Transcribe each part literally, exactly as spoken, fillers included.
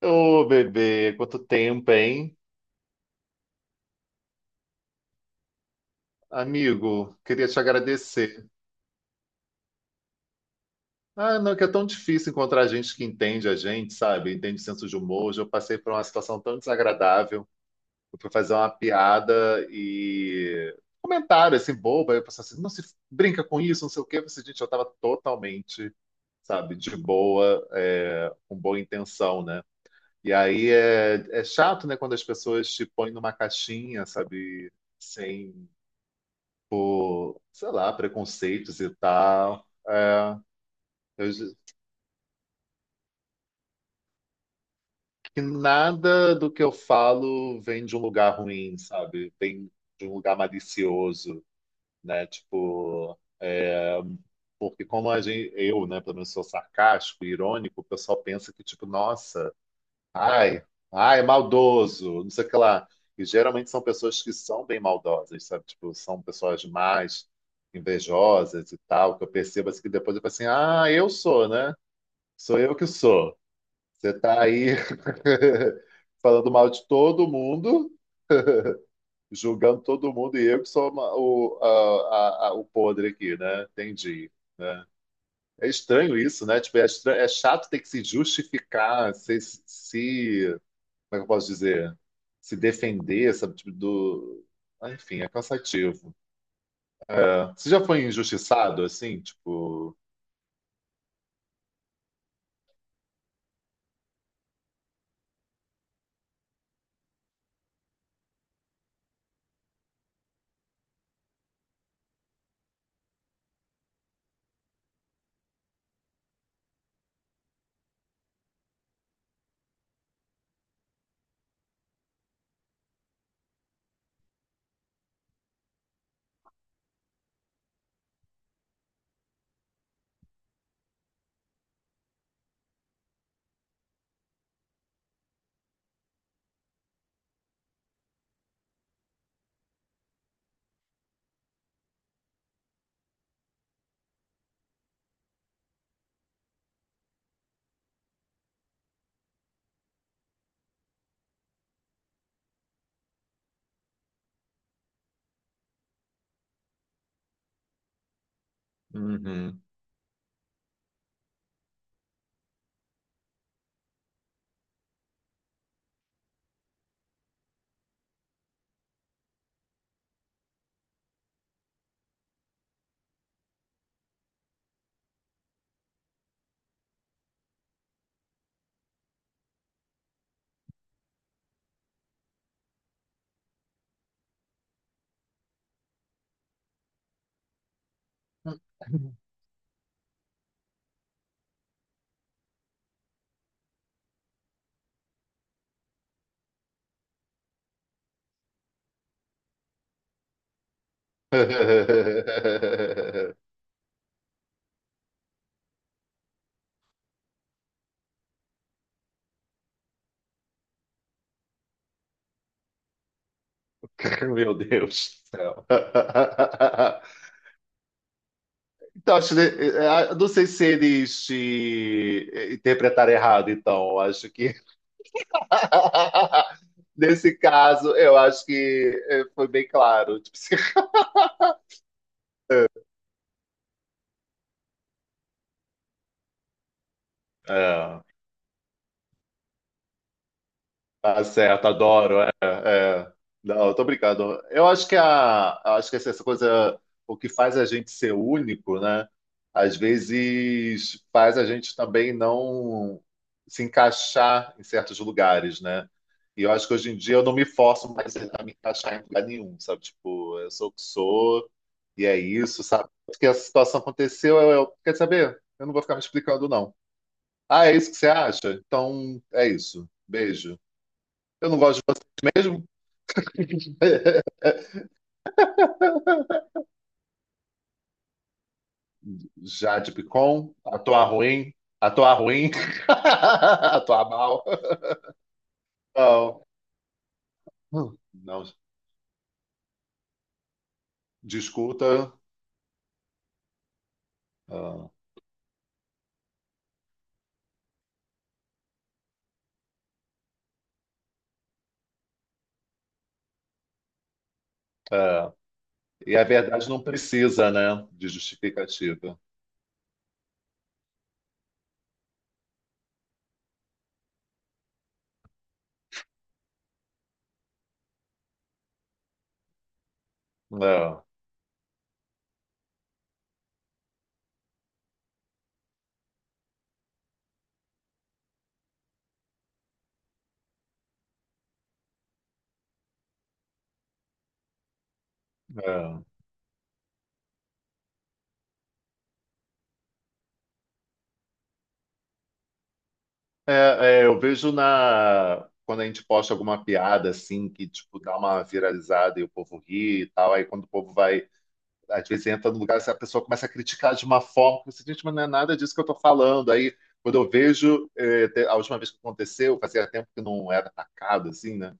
Ô, bebê, quanto tempo, hein? Amigo, queria te agradecer. Ah, não, que é tão difícil encontrar gente que entende a gente, sabe? Entende o senso de humor. Hoje eu passei por uma situação tão desagradável. Eu fui fazer uma piada e comentário assim, bobo. Aí eu pensei assim, não se brinca com isso, não sei o quê. Eu pensei, gente, eu tava totalmente, sabe, de boa, é, com boa intenção, né? E aí é, é chato, né, quando as pessoas te põem numa caixinha, sabe? Sem por, sei lá, preconceitos e tal. É, eu, ju- que nada do que eu falo vem de um lugar ruim, sabe? Vem de um lugar malicioso, né? Tipo, porque como a gente, eu, né, pelo menos sou sarcástico, irônico, o pessoal pensa que, tipo, nossa, ai, ai, maldoso, não sei o que lá. E geralmente são pessoas que são bem maldosas, sabe? Tipo, são pessoas mais invejosas e tal, que eu percebo assim, que depois eu falo assim, ah, eu sou, né? Sou eu que sou. Você está aí falando mal de todo mundo, julgando todo mundo, e eu que sou uma- o, a- a- a- o podre aqui, né? Entendi, né? É estranho isso, né? Tipo, é, estra- é chato ter que se justificar, se, se- como é que eu posso dizer? Se defender, sabe? Tipo, do... Ah, enfim, é cansativo. É. Você já foi injustiçado, assim? Tipo... Uhum. Meu Deus do céu. Então, acho, que, eh, eh, não sei se eles te eh, interpretaram errado, então. Eu acho que. Nesse caso, eu acho que eh, foi bem claro. Tipo, é, tá certo, adoro. Não, eu tô brincando. Eu acho que a, eu acho que assim, essa coisa, o que faz a gente ser único, né? Às vezes faz a gente também não se encaixar em certos lugares, né? E eu acho que hoje em dia eu não me forço mais a me encaixar em lugar nenhum, sabe? Tipo, eu sou o que sou e é isso, sabe? Porque a situação aconteceu, eu, eu quer saber? Eu não vou ficar me explicando, não. Ah, é isso que você acha? Então é isso. Beijo. Eu não gosto de vocês mesmo. Jade Picon, atuar ruim, atuar ruim, atuar mal. Não, não discuta. Ah, é. E a verdade não precisa, né, de justificativa. É, é. É, é, eu vejo na quando a gente posta alguma piada assim que tipo dá uma viralizada e o povo ri e tal, aí quando o povo vai às vezes entra no lugar e a pessoa começa a criticar de uma forma que você diz, mas não é nada disso que eu estou falando. Aí, quando eu vejo, eh, te- a última vez que aconteceu, fazia tempo que não era atacado, assim, né?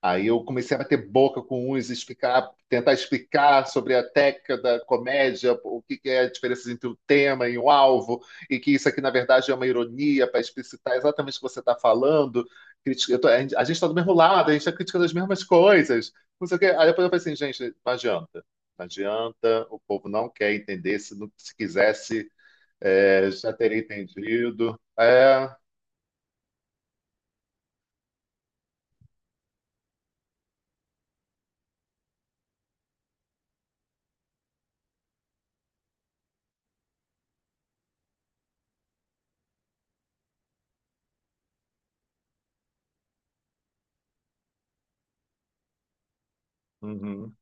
Aí eu comecei a bater boca com uns, explicar, tentar explicar sobre a técnica da comédia, o que que é a diferença entre o tema e o alvo, e que isso aqui, na verdade, é uma ironia para explicitar exatamente o que você está falando. Critica- eu tô- a gente está do mesmo lado, a gente está criticando as mesmas coisas. Não sei o quê. Aí depois eu falei assim, gente, não adianta. Não adianta, o povo não quer entender. Se, não- se quisesse, é, já teria entendido. É. Uhum,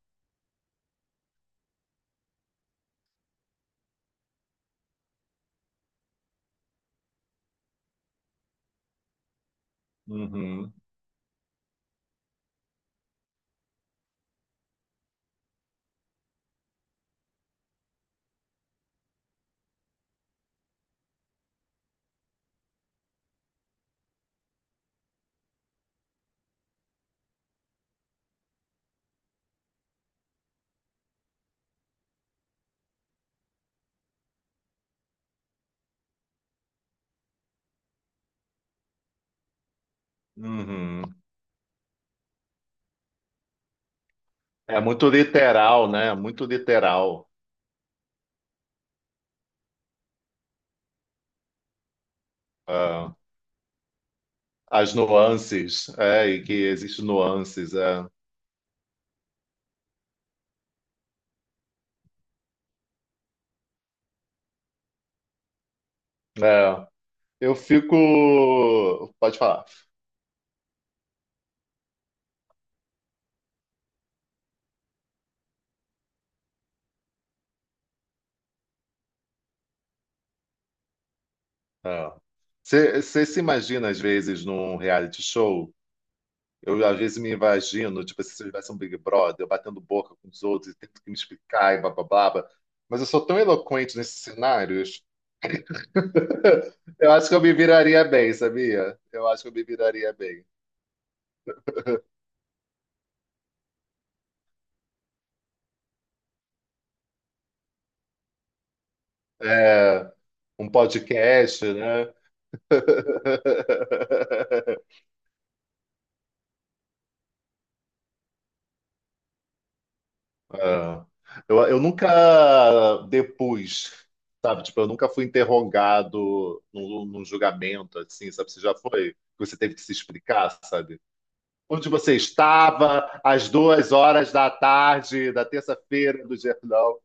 uhum, uhum. É muito literal, né? Muito literal. Ah, as nuances, é, e que existem nuances. É, é. Eu fico. Pode falar. É. Você você se imagina, às vezes, num reality show? Eu, às vezes, me imagino, tipo, se eu tivesse um Big Brother, eu batendo boca com os outros e tendo que me explicar e blá, blá, blá, blá. Mas eu sou tão eloquente nesses cenários. Eu acho que eu me viraria bem, sabia? Eu acho que eu me viraria bem. É, um podcast, né? É. Eu, eu nunca depus, sabe? Tipo, eu nunca fui interrogado num, num julgamento, assim, sabe? Você já foi? Você teve que se explicar, sabe? Onde você estava às duas horas da tarde da terça-feira do Gerdau?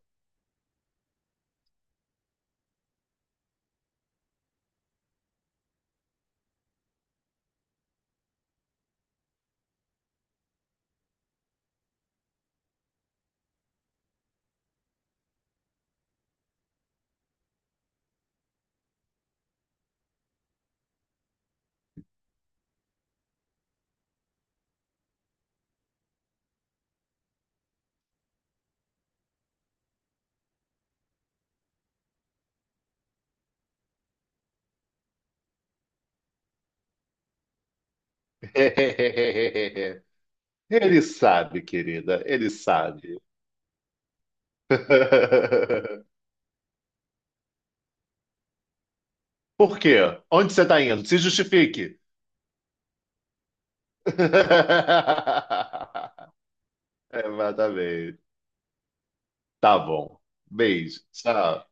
Ele sabe, querida, ele sabe. Por quê? Onde você está indo? Se justifique. Exatamente. Tá bom. Beijo. Tchau.